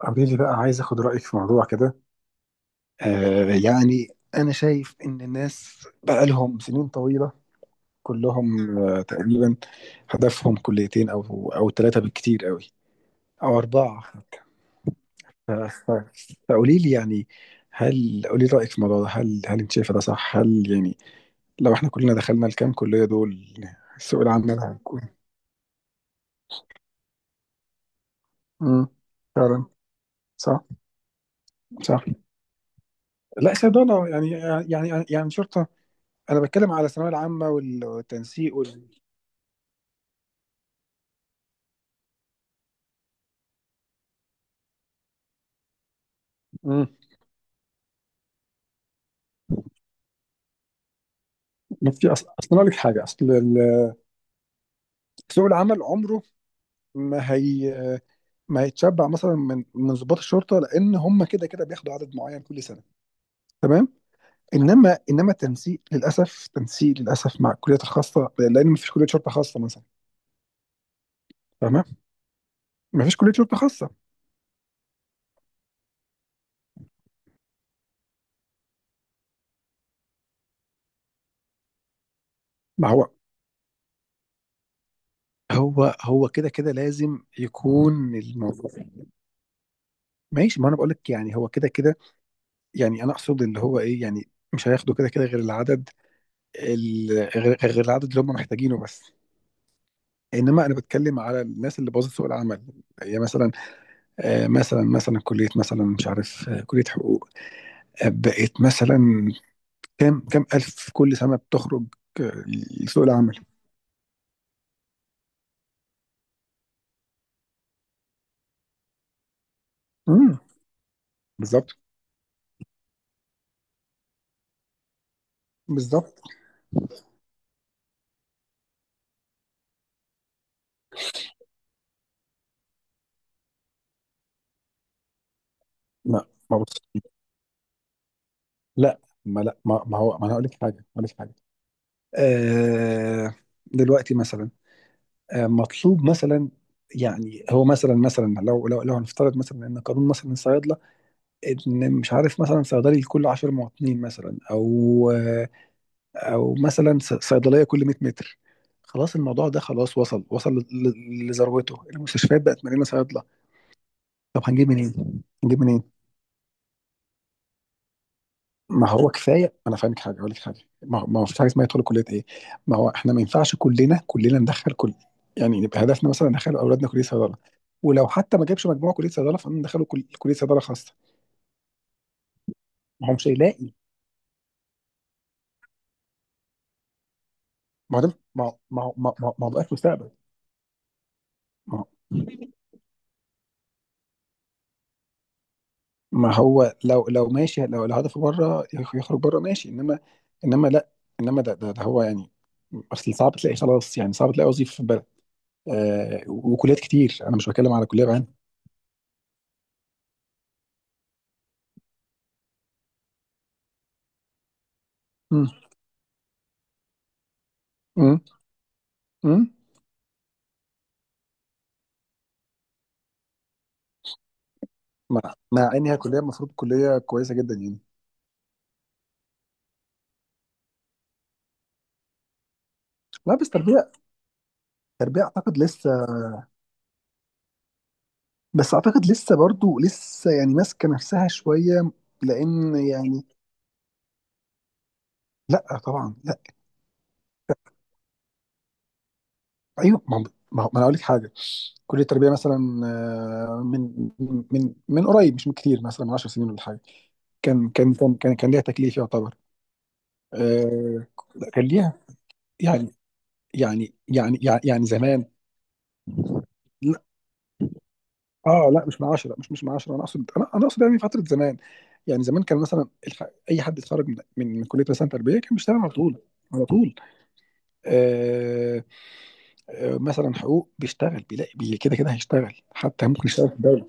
قولي لي بقى عايز اخد رايك في موضوع كده. يعني انا شايف ان الناس بقى لهم سنين طويله، كلهم تقريبا. هدفهم كليتين او ثلاثه بالكتير قوي، او اربعه حتى. ف- ف- فقولي لي يعني، هل قولي لي رايك في الموضوع ده، هل انت شايفه ده صح؟ هل يعني لو احنا كلنا دخلنا الكام كليه دول، السوق العام ده هيكون؟ امم، فعلا، صح، صح. لا صيدلة يعني شرطة. أنا بتكلم على الثانوية العامة والتنسيق. مم. ما في اصل أنا اقول لك حاجه، اصل سوق العمل عمره ما هي ما هيتشبع مثلا من ضباط الشرطه، لان هم كده كده بياخدوا عدد معين كل سنه. تمام. انما التنسيق للاسف، تنسيق للاسف مع الكليات الخاصه، لان ما فيش كليه شرطه خاصه مثلا. فاهمه. ما فيش كليه شرطه خاصه. ما هو هو كده كده لازم يكون الموضوع. ماشي، ما انا بقول لك يعني هو كده كده. يعني انا اقصد اللي هو ايه، يعني مش هياخدوا كده كده غير العدد، غير العدد اللي هم محتاجينه بس. انما انا بتكلم على الناس اللي باظت سوق العمل، هي مثلا، مثلا كليه مثلا مش عارف، كليه حقوق، بقت مثلا كام الف كل سنه بتخرج. آه، لسوق العمل. امم، بالظبط. بالظبط. لا، ما بص، لا. ما هو، ما انا هقول لك حاجه، آه. دلوقتي مثلا، مطلوب مثلا، يعني هو مثلا مثلا لو هنفترض مثلا ان قانون مثلا الصيادله، ان مش عارف مثلا صيدلي لكل 10 مواطنين مثلا، او او مثلا صيدليه كل 100 متر. خلاص الموضوع ده خلاص، وصل لذروته، المستشفيات بقت مليانه صيادله. طب هنجيب منين؟ هنجيب منين؟ ما هو كفايه، انا فاهمك حاجه، اقول لك حاجه، ما هو فيش حاجه اسمها يدخلوا كليه ايه؟ ما هو احنا ما ينفعش كلنا ندخل كل، يعني يبقى هدفنا مثلا ندخل اولادنا كليه صيدله، ولو حتى ما جابش مجموعه كليه صيدله فندخله كليه صيدله خاصه. ما هو مش هيلاقي. ما هو ده، ما هو ما هو ما هو ما هو ما هو ده مستقبل. ما ما هو لو ماشي، لو الهدف بره يخرج بره ماشي، انما، انما لا، انما ده هو يعني. اصل صعب تلاقي، خلاص يعني صعب تلاقي وظيفه في البلد. آه، وكليات كتير، انا مش بتكلم على كليه بعينها. مم. مم. مم. مع مع ان هي كليه، المفروض كليه كويسه جدا يعني. لا، بس تربيه، تربيه اعتقد لسه. بس اعتقد لسه برضو لسه يعني ماسكه نفسها شويه، لان يعني. لا طبعا. ايوه، ما ما انا اقول لك حاجه. كليه التربيه مثلا من من قريب مش من كتير، مثلا من 10 سنين ولا حاجه، كان ليها تكليف يعتبر. آه، كان ليها يعني، يعني زمان. لا، اه لا، مش من 10 مش مش من 10 انا اقصد، انا اقصد يعني فتره زمان. يعني زمان كان مثلا اي حد اتخرج من كليه مثلا تربيه كان بيشتغل على طول، على طول. آه... مثلا حقوق بيشتغل، بيلاقي، كده كده هيشتغل، حتى ممكن يشتغل في الدوله.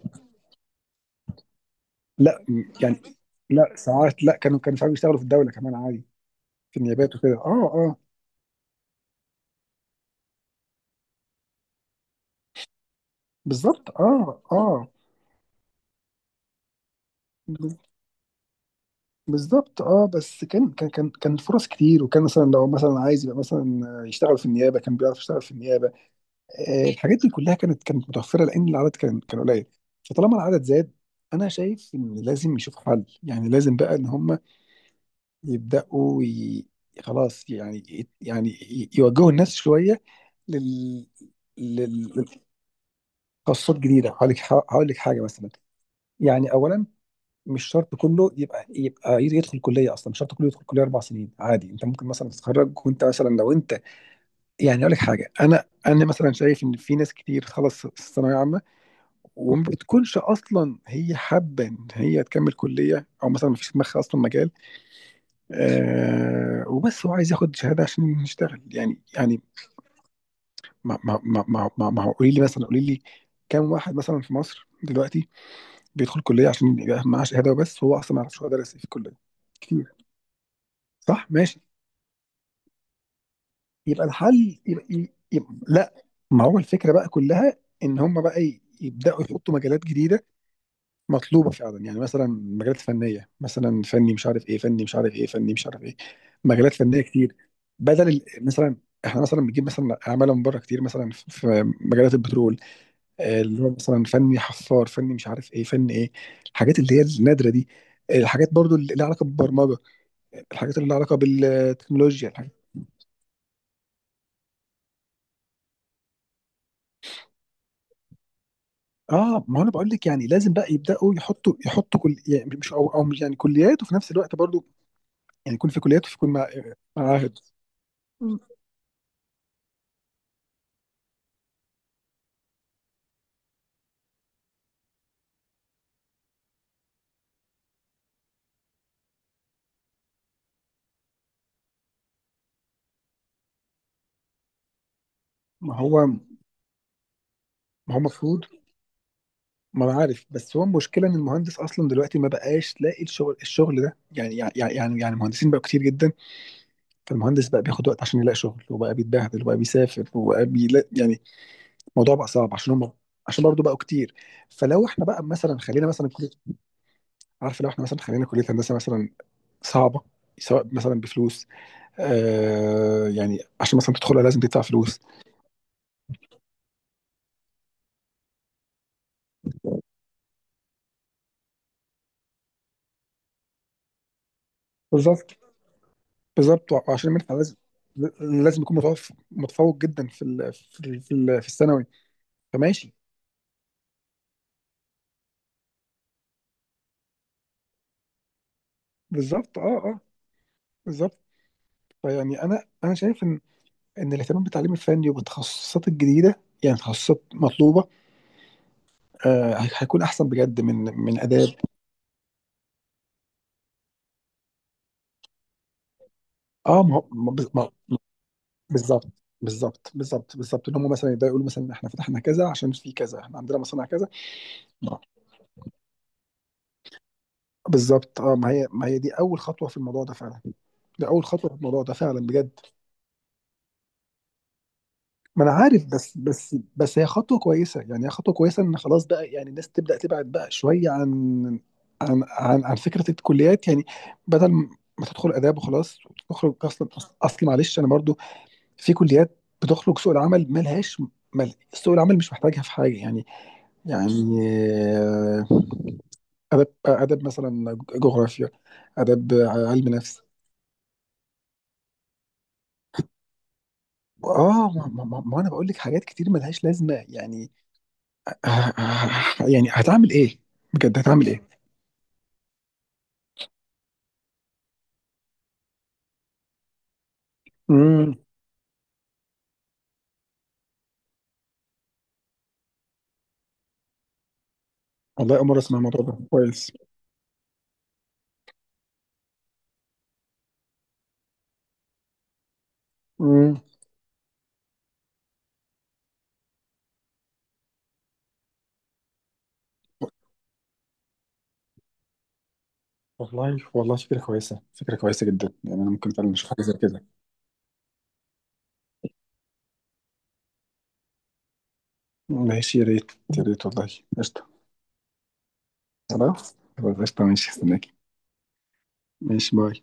لا، يعني. لا ساعات، لا، كانوا ساعات بيشتغلوا في الدولة كمان عادي، في النيابات وكده، اه، اه. بالظبط، اه، اه. ب- بالظبط، اه، بس كان فرص كتير، وكان مثلا لو مثلا عايز يبقى مثلا يشتغل في النيابة كان بيعرف يشتغل في النيابة. آه، الحاجات دي كلها كانت متوفرة لأن العدد كان قليل. فطالما العدد زاد، أنا شايف إن لازم يشوف حل، يعني لازم بقى إن هم يبدأوا خلاص يعني، يعني يوجهوا الناس شوية لل... لل... خاصات جديده. هقول لك حاجه مثلا. يعني اولا، مش شرط كله يبقى يدخل كليه اصلا، مش شرط كله يدخل كليه اربع سنين، عادي انت ممكن مثلا تتخرج وانت مثلا، لو انت يعني، اقول لك حاجه، انا مثلا شايف ان في ناس كتير خلص الثانويه عامه وما بتكونش اصلا هي حابه ان هي تكمل كليه، او مثلا ما فيش في دماغها اصلا مجال، وبس هو عايز ياخد شهاده عشان يشتغل، يعني. ما هو قولي لي مثلا، قولي لي كام واحد مثلا في مصر دلوقتي بيدخل كليه عشان يبقى معاه شهاده وبس، هو اصلا ما يعرفش هو درس ايه في الكليه. كتير. صح، ماشي. يبقى الحل يبقى لا. ما هو الفكره بقى كلها ان هم بقى يبداوا يحطوا مجالات جديده مطلوبه فعلا، يعني مثلا مجالات فنيه، مثلا فني مش عارف ايه، فني مش عارف ايه، فني مش عارف ايه، مجالات فنيه كتير. بدل مثلا، احنا مثلا بنجيب مثلا اعمال من بره كتير، مثلا في مجالات البترول، اللي هو مثلا فني حفار، فني مش عارف ايه، فني ايه، الحاجات اللي هي النادره دي، الحاجات برضو اللي لها علاقه بالبرمجه، الحاجات اللي لها علاقه بالتكنولوجيا، الحاجات. اه، ما هو انا بقول لك يعني لازم بقى يبداوا يحطوا كل، يعني مش او مش يعني كليات، وفي نفس الوقت برضو يعني يكون في كليات، وفي يكون معاهد. ما هو ما هو المفروض. ما انا عارف، بس هو المشكله ان المهندس اصلا دلوقتي ما بقاش لاقي الشغل، الشغل ده يعني يعني المهندسين بقوا كتير جدا، فالمهندس بقى بياخد وقت عشان يلاقي شغل، وبقى بيتبهدل، وبقى بيسافر، وبقى بيلاقي يعني الموضوع بقى صعب، عشان هم عشان برضه بقوا كتير. فلو احنا بقى مثلا خلينا مثلا كليه، عارف، لو احنا مثلا خلينا كليه هندسه مثلا صعبة، سواء مثلا بفلوس، آه يعني عشان مثلا تدخلها لازم تدفع فلوس. بالظبط بالظبط وعشان المنحة لازم، لازم يكون متفوق، متفوق جدا في الثانوي. فماشي. بالظبط، اه، اه، بالظبط. فيعني انا شايف ان الاهتمام بالتعليم الفني وبالتخصصات الجديده، يعني تخصصات مطلوبه، هيكون احسن بجد من اداب. اه، ما هو بالظبط بالظبط ان هم مثلا يبداوا يقولوا مثلا احنا فتحنا كذا عشان في كذا، احنا عندنا مصانع كذا. بالظبط، اه، ما هي دي اول خطوه في الموضوع ده فعلا، ده اول خطوه في الموضوع ده فعلا بجد. ما انا عارف، بس هي خطوه كويسه يعني، هي خطوه كويسه ان خلاص بقى يعني الناس تبدا تبعد بقى شويه عن عن فكره الكليات يعني، بدل ما تدخل اداب وخلاص وتخرج اصلا. اصل معلش انا برضو، في كليات بتخرج سوق العمل ملهاش، سوق العمل مش محتاجها في حاجه يعني. يعني اداب مثلا جغرافيا، اداب علم نفس. اه، ما انا بقول لك حاجات كتير ملهاش لازمه يعني، آه، يعني هتعمل ايه، بجد هتعمل ايه. امم. والله اول مره اسمع الموضوع ده، كويس. امم. والله، فكره كويسه، فكره كويسه جدا يعني، انا ممكن فعلا اشوف حاجه زي كده. ماشي، يا ريت، يا ريت والله. قشطه. خلاص خلاص، قشطه، ماشي، استناكي. ماشي، باي.